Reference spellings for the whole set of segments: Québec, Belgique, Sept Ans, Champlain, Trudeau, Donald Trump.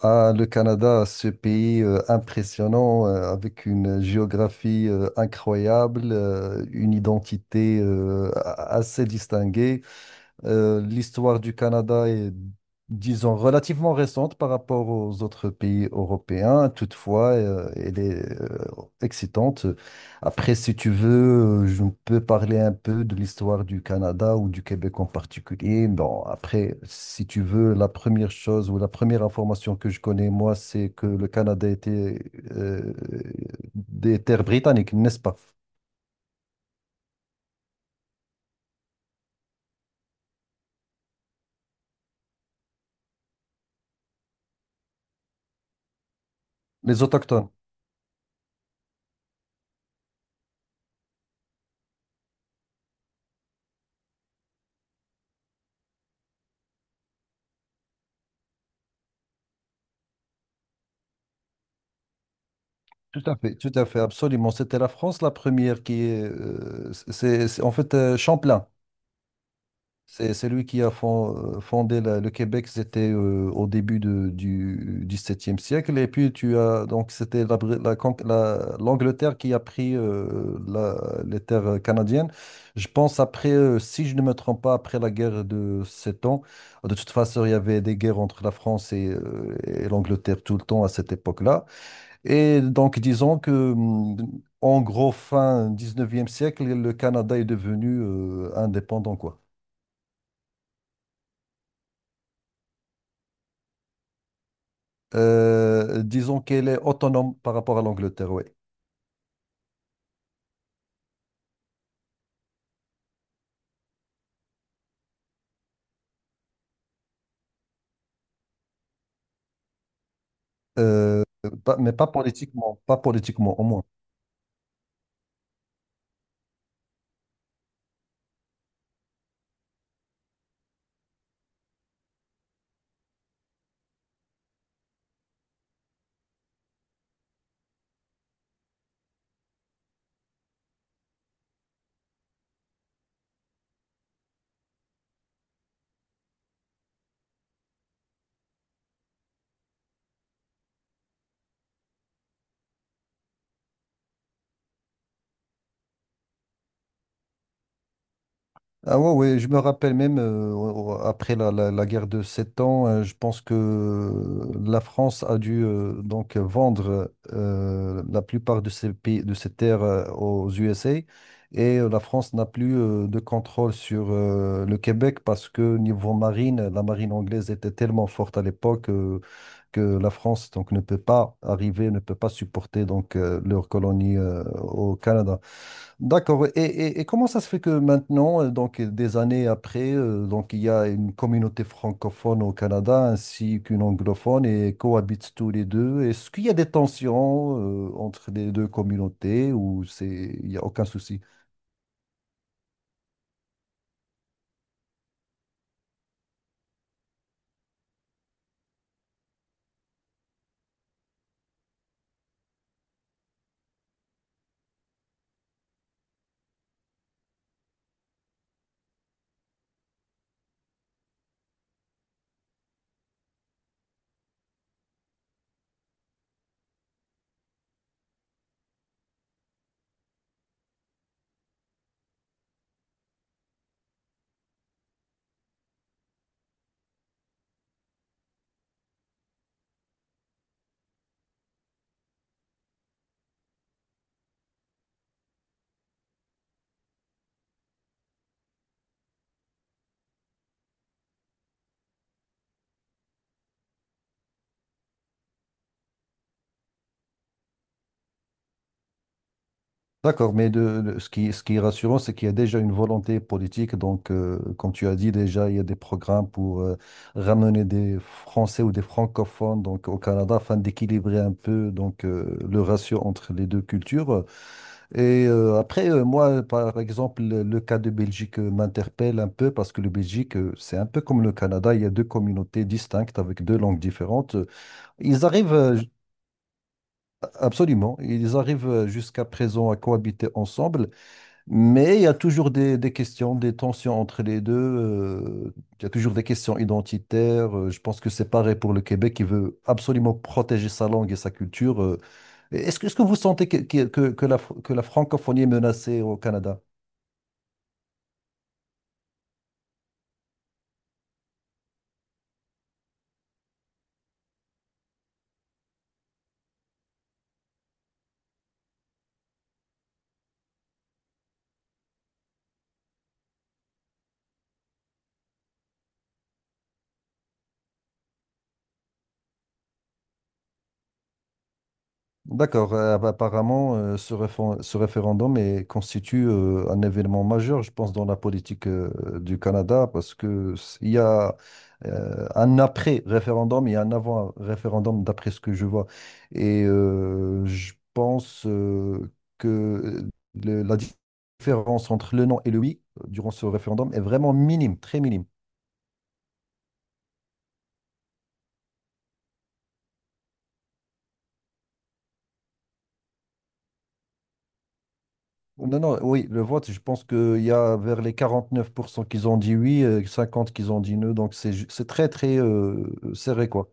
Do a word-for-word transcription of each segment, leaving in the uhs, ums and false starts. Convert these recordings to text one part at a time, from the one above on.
Ah, le Canada, ce pays euh, impressionnant, euh, avec une géographie euh, incroyable, euh, une identité euh, a- assez distinguée. Euh, l'histoire du Canada est, disons, relativement récente par rapport aux autres pays européens. Toutefois, euh, elle est euh, excitante. Après, si tu veux, euh, je peux parler un peu de l'histoire du Canada ou du Québec en particulier. Bon, après, si tu veux, la première chose ou la première information que je connais, moi, c'est que le Canada était euh, des terres britanniques, n'est-ce pas? Les autochtones. Tout à fait, tout à fait, absolument. C'était la France la première qui est, euh, c'est, c'est- en fait euh, Champlain. C'est c'est lui qui a fon- euh, fondé la- le Québec. C'était euh, au début de- du dix-septième siècle. Et puis tu as donc c'était la, Bri- la con- la- l'Angleterre qui a pris euh, la- les terres canadiennes. Je pense après, euh, si je ne me trompe pas, après la guerre de Sept Ans. De toute façon, il y avait des guerres entre la France et, euh, et l'Angleterre tout le temps à cette époque-là. Et donc, disons que, hum, en gros, fin dix-neuvième siècle, le Canada est devenu euh, indépendant, quoi. Euh, disons qu'elle est autonome par rapport à l'Angleterre, oui. Euh, pas- mais pas politiquement, pas politiquement, au moins. Ah, ouais, ouais, je me rappelle même euh, au- au- après la, la- la guerre de Sept Ans, euh, je pense que euh, la France a dû euh, donc vendre euh, la plupart de ses pays, de ses terres euh, aux U S A et euh, la France n'a plus euh, de contrôle sur euh, le Québec parce que niveau marine, la marine anglaise était tellement forte à l'époque euh, que la France donc ne peut pas arriver, ne peut pas supporter donc euh, leur colonie euh, au Canada. D'accord. Et, et- et comment ça se fait que maintenant, euh, donc euh, des années après, euh, donc il y a une communauté francophone au Canada ainsi qu'une anglophone et cohabitent tous les deux. Est-ce qu'il y a des tensions euh, entre les deux communautés ou c'est il n'y a aucun souci? D'accord, mais de, de- ce qui, ce qui est rassurant, c'est qu'il y a déjà une volonté politique. Donc, euh, comme tu as dit, déjà, il y a des programmes pour euh, ramener des Français ou des francophones donc, au Canada afin d'équilibrer un peu donc, euh, le ratio entre les deux cultures. Et euh, après, euh, moi, par exemple, le, le cas de Belgique euh, m'interpelle un peu parce que le Belgique, euh, c'est un peu comme le Canada, il y a deux communautés distinctes avec deux langues différentes. Euh, Ils arrivent, euh, j- Absolument, ils arrivent euh, jusqu'à présent à cohabiter ensemble, mais il y a toujours des, des questions, des tensions entre les deux. Euh, il y a toujours des questions identitaires. Euh, je pense que c'est pareil pour le Québec qui veut absolument protéger sa langue et sa culture. euh. Est-ce que, est-ce que vous sentez que, que, que que la, fr- que la francophonie est menacée au Canada? D'accord. Euh, Apparemment, euh, ce réfé- ce référendum est- constitue euh, un événement majeur, je pense, dans la politique euh, du Canada, parce que s- il y a euh, un après-référendum et un avant-référendum, d'après ce que je vois. Et euh, je pense euh, que le- la di- différence entre le non et le oui euh, durant ce référendum est vraiment minime, très minime. Non, non, oui, le vote, je pense qu'il y a vers les quarante-neuf pour cent qu'ils ont dit oui, euh, cinquante qu'ils ont dit non, donc c'est ju- c'est très, très euh, serré, quoi.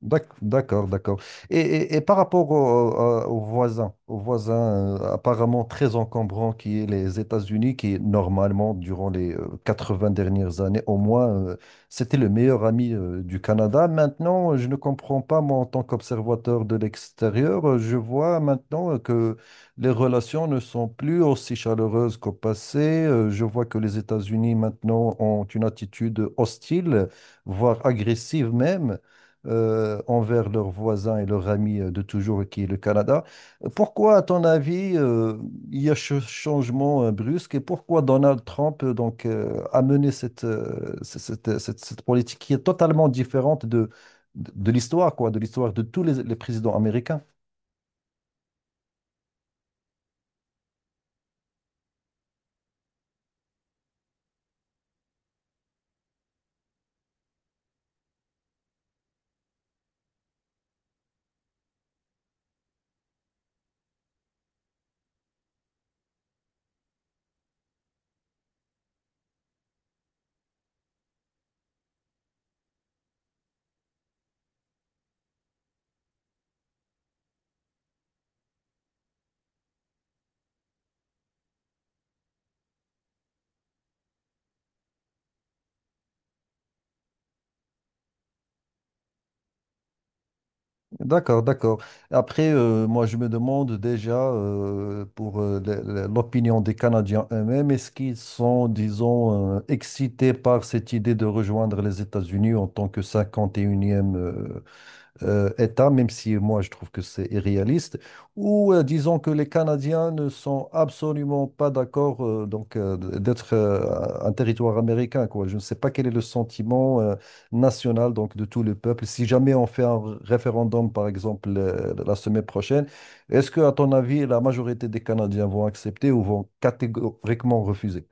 D'ac- D'accord, d'accord. Et, et- et par rapport au- au- aux voisins, aux voisins euh, apparemment très encombrants qui est les États-Unis, qui normalement, durant les euh, quatre-vingts dernières années au moins, euh, c'était le meilleur ami euh, du Canada. Maintenant, je ne comprends pas, moi, en tant qu'observateur de l'extérieur, euh, je vois maintenant euh, que les relations ne sont plus aussi chaleureuses qu'au passé. Euh, Je vois que les États-Unis maintenant ont une attitude hostile, voire agressive même euh, envers leurs voisins et leurs amis euh, de toujours, qui est le Canada. Pourquoi, à ton avis, euh, il y a ce changement euh, brusque et pourquoi Donald Trump euh, donc, euh, a mené cette, euh, c- cette, cette- cette politique qui est totalement différente de, de, de l'histoire, quoi, de l'histoire de tous les les présidents américains? D'accord, d'accord. Après, euh, moi, je me demande déjà euh, pour euh, le- le- l'opinion des Canadiens eux-mêmes, est-ce qu'ils sont, disons, euh, excités par cette idée de rejoindre les États-Unis en tant que cinquante et unième euh, État, même si moi je trouve que c'est irréaliste, ou euh, disons que les Canadiens ne sont absolument pas d'accord euh, donc euh, d'être euh, un territoire américain, quoi. Je ne sais pas quel est le sentiment euh, national donc de tout le peuple. Si jamais on fait un référendum, par exemple, euh, la semaine prochaine, est-ce que, à ton avis, la majorité des Canadiens vont accepter ou vont catégoriquement refuser?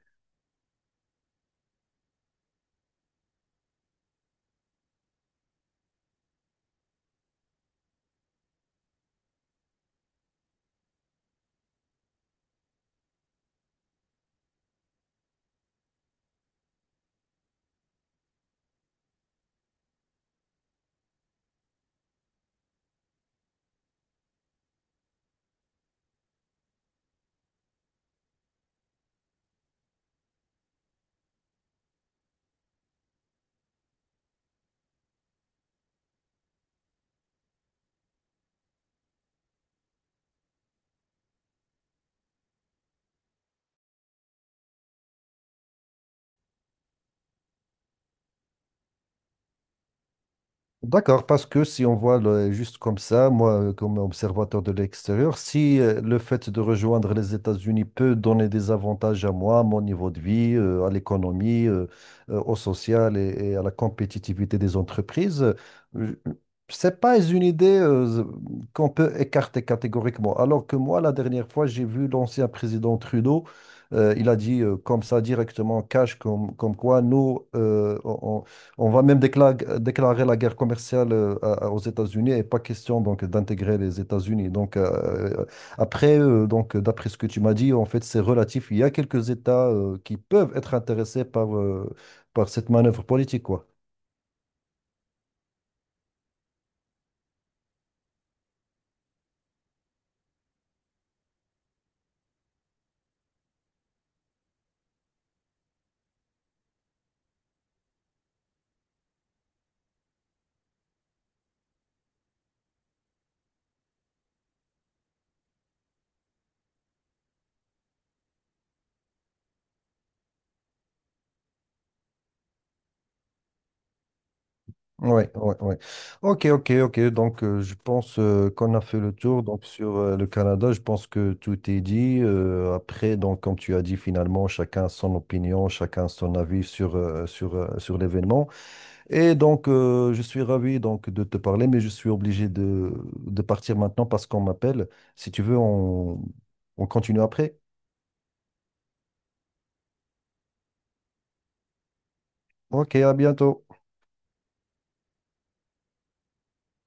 D'accord, parce que si on voit le- juste comme ça, moi, euh, comme observateur de l'extérieur, si euh, le fait de rejoindre les États-Unis peut donner des avantages à moi, à mon niveau de vie, euh, à l'économie, euh, euh, au social et, et à la compétitivité des entreprises, euh, je- c'est pas une idée euh, qu'on peut écarter catégoriquement. Alors que moi, la dernière fois, j'ai vu l'ancien président Trudeau, euh, il a dit euh, comme ça directement, cash, comme, comme quoi nous, euh, on, on va même décla- déclarer la guerre commerciale euh, à- aux États-Unis et pas question donc d'intégrer les États-Unis. Donc euh, après, euh, donc d'après ce que tu m'as dit, en fait, c'est relatif. Il y a quelques États euh, qui peuvent être intéressés par euh, par cette manœuvre politique, quoi. Ouais, ouais, ouais. Ok, ok, ok. Donc euh, je pense euh, qu'on a fait le tour. Donc sur euh, le Canada, je pense que tout est dit. Euh, après, donc comme tu as dit, finalement, chacun son opinion, chacun son avis sur euh, sur euh, sur l'événement. Et donc, euh, je suis ravi donc de te parler, mais je suis obligé de, de partir maintenant parce qu'on m'appelle. Si tu veux, on, on continue après. Ok, à bientôt.